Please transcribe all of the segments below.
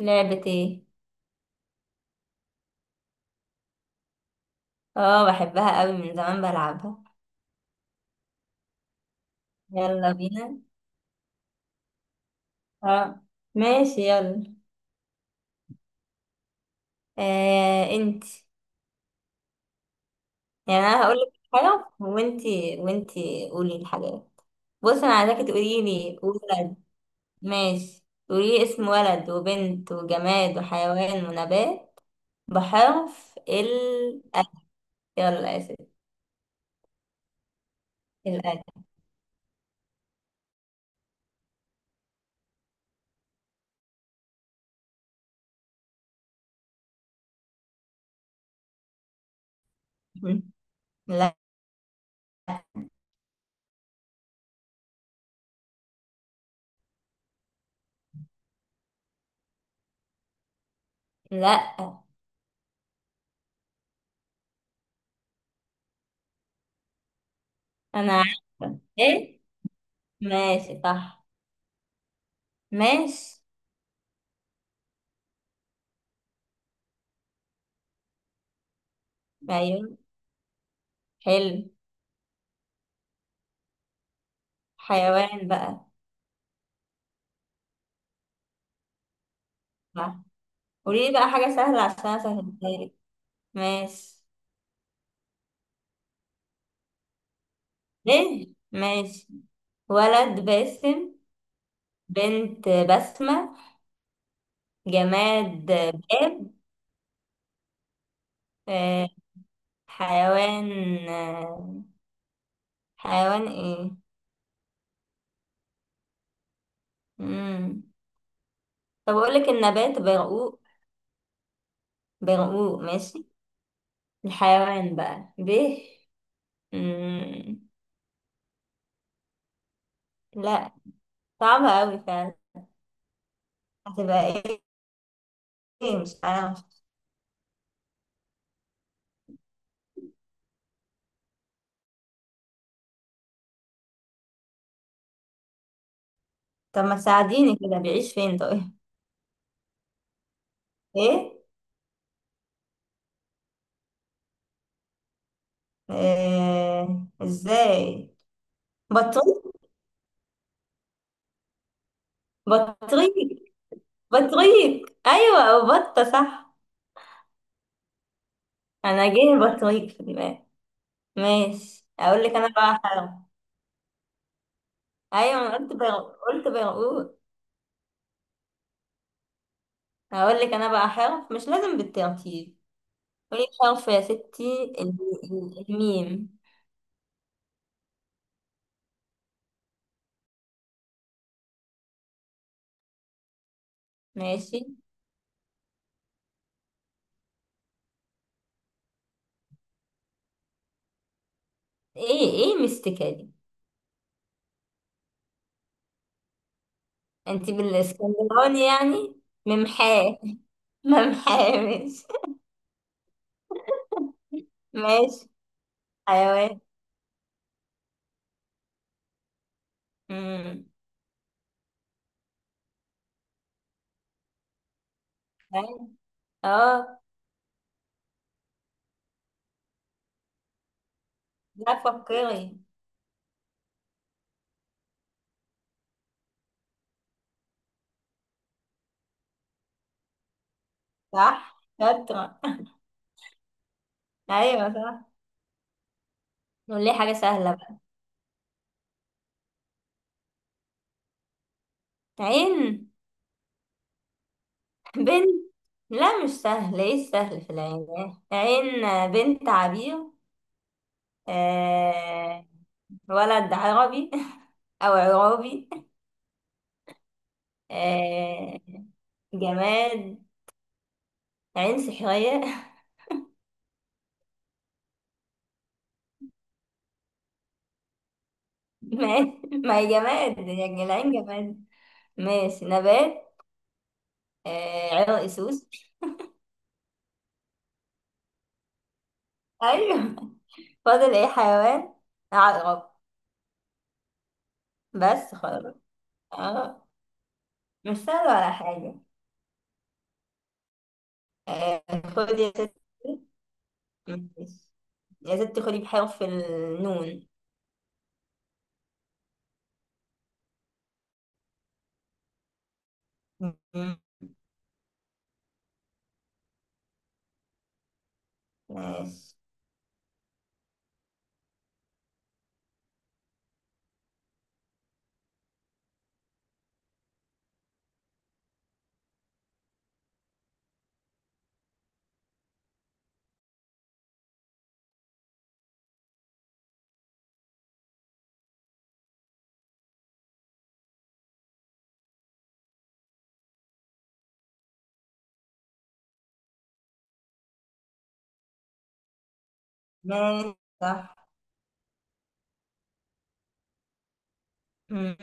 لعبة ايه؟ اه، بحبها قوي من زمان بلعبها. يلا بينا. اه، ماشي، يلا. آه، انت. يعني انا هقول لك حاجة، وانت قولي الحاجات. بص، انا عايزاكي تقولي لي ولد. ماشي. تقولي لي اسم ولد وبنت وجماد وحيوان ونبات بحرف ال أ. يلا يا ستي. الألف. لا، لا. انا عارفة ايه. ماشي، صح. ماشي. ايوه، حلو. حيوان بقى. صح. قولي لي بقى حاجة سهلة عشان أسهلها لك. ماشي. ليه؟ ماشي. ولد باسم. بنت بسمة. جماد باب. آه، حيوان. آه، حيوان ايه؟ مم. طب أقول لك النبات برقوق. برقوق، ماشي. الحيوان بقى ب، مم. لا، صعبة أوي فعلا. هتبقى ايه؟ مش عارفة. طب ما تساعديني كده؟ بيعيش فين طيب؟ ايه؟ آه، ازاي؟ بطريق بطريق بطريق. ايوه، بطه صح. انا جه البطريق في دماغي. ماشي، اقول لك انا بقى حرف. ايوه، انا قلت برقوق. هقول لك انا بقى حرف مش لازم بالترتيب. قولي حرف يا ستي الميم. ماشي. ايه مستكة دي؟ انت بالاسكندراني يعني؟ ممحاه. ممحاه، ماشي. ماشي، حيوان. امم اه، لا تفكري. صح، شاطرة. أيوة، صح. نقول ليه حاجة سهلة بقى. عين. بنت. لا، مش سهل. ايه السهل في العين؟ عين. بنت عبير. آه... ولد عربي. أو عرابي. آه... جماد، عين سحرية. ما ما هي جماد يعني، العين جماد. ماشي، نبات. عرق سوس. أيوه. فاضل ايه؟ حيوان. عقرب. بس خلاص. اه، مش سهل ولا حاجة. آه، خدي يا ستي. ماشي. يا ستي خدي بحرف النون. مم. ماشي. ماشي، صح. مم.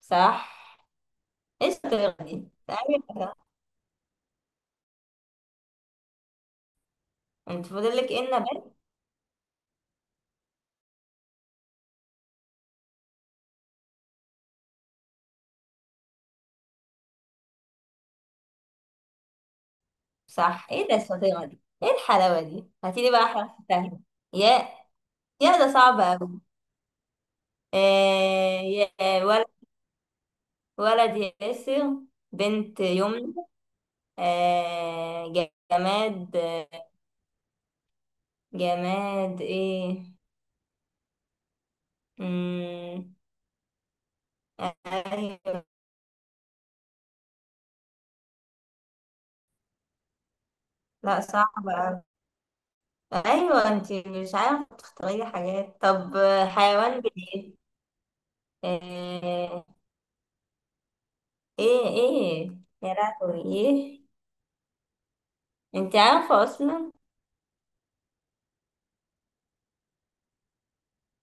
صح. ايه الشطيرة دي؟ تعالي بقى. انت فاضلك ايه النبات؟ صح. ايه ده الشطيرة دي؟ ايه الحلاوة دي؟ هاتيلي بقى حرف سهل. يا. يا ده صعب أوي. آه، يا. ولد. ولد ياسر. بنت يمنى. آه. جماد. جماد ايه؟ امم ايوه. لا، صعب أوي. ايوه، انت مش عارفه تختاري حاجات، طب. حيوان بليه. آه، ايه. يا لهوي، ايه؟ انت عارفه اصلا.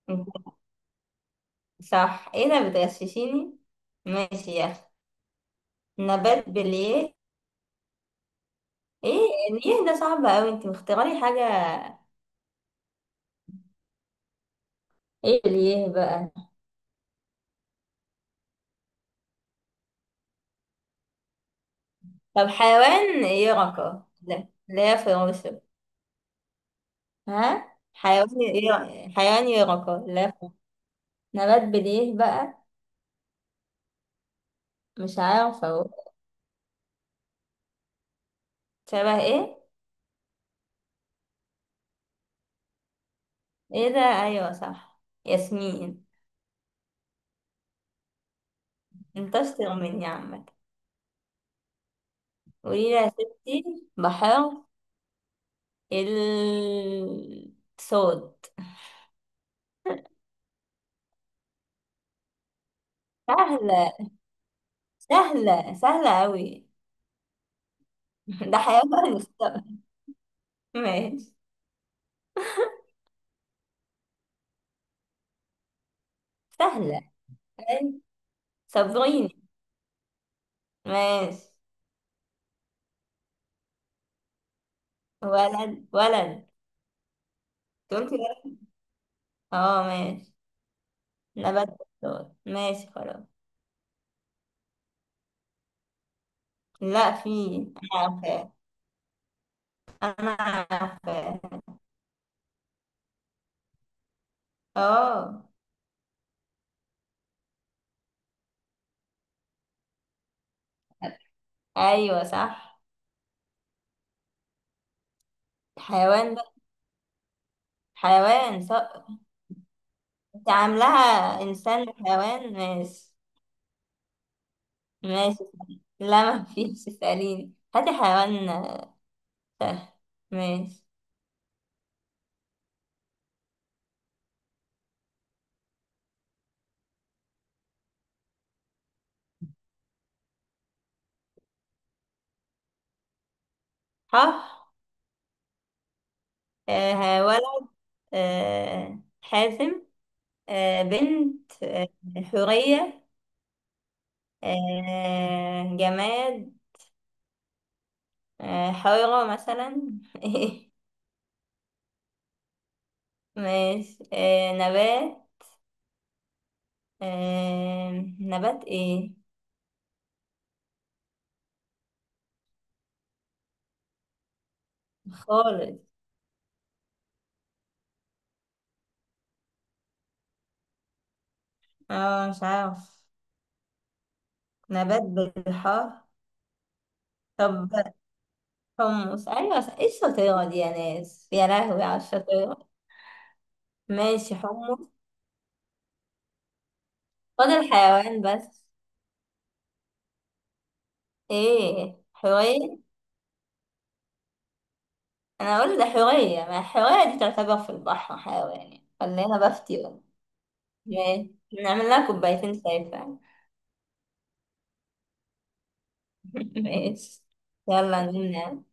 انت صح. ايه ده؟ بتغششيني؟ ماشي يا اخي. نبات بليه ايه؟ ليه ده صعب اوي؟ انت مختاري حاجه. ايه بليه بقى؟ طب، حيوان يرقة. لا، لا، فروشه. ها، حيوان ايه؟ حيوان يرقى. لا. نبات بديه بقى؟ مش عارفة اهو. شبه ايه؟ ايه ده؟ ايوه، صح، ياسمين. انت اشطر مني يا عمك. قولي لي يا ستي. بحر. الصوت. سهلة. سهلة. سهلة أوي. ده حيوان مستوى. ماشي. سهلة. أي، صبريني. ماشي. ولد. ولد قلت ولد. اه، ماشي. نبات بالصوت. ماشي، خلاص. لا، في. انا عارفاه. انا عارفاه. اه، ايوه، صح. حيوان بقى. حيوان، صح. انت عاملاها انسان وحيوان. ماشي. ماشي، صح. لا، ما فيش، اسأليني. هاتي حيوان. سهل. ماشي. ح. ولد. حازم. بنت. حورية. جماد. حيرة مثلا. ماشي. نبات. آه... نبات ايه؟ خالص. اه، مش عارف. نبات بالحار. طب، حمص. ايوه. ايه الشطيرة دي يا ناس؟ يا لهوي على الشطيرة. ماشي، حمص. فاضل حيوان بس. ايه حورية؟ انا اقول ده حورية، ما الحورية دي تعتبر في البحر حيوان يعني، ولا انا بفتي ولا؟ ماشي. نعمل لها كوبايتين شاي فعلا. ماشي، يلا نمنا.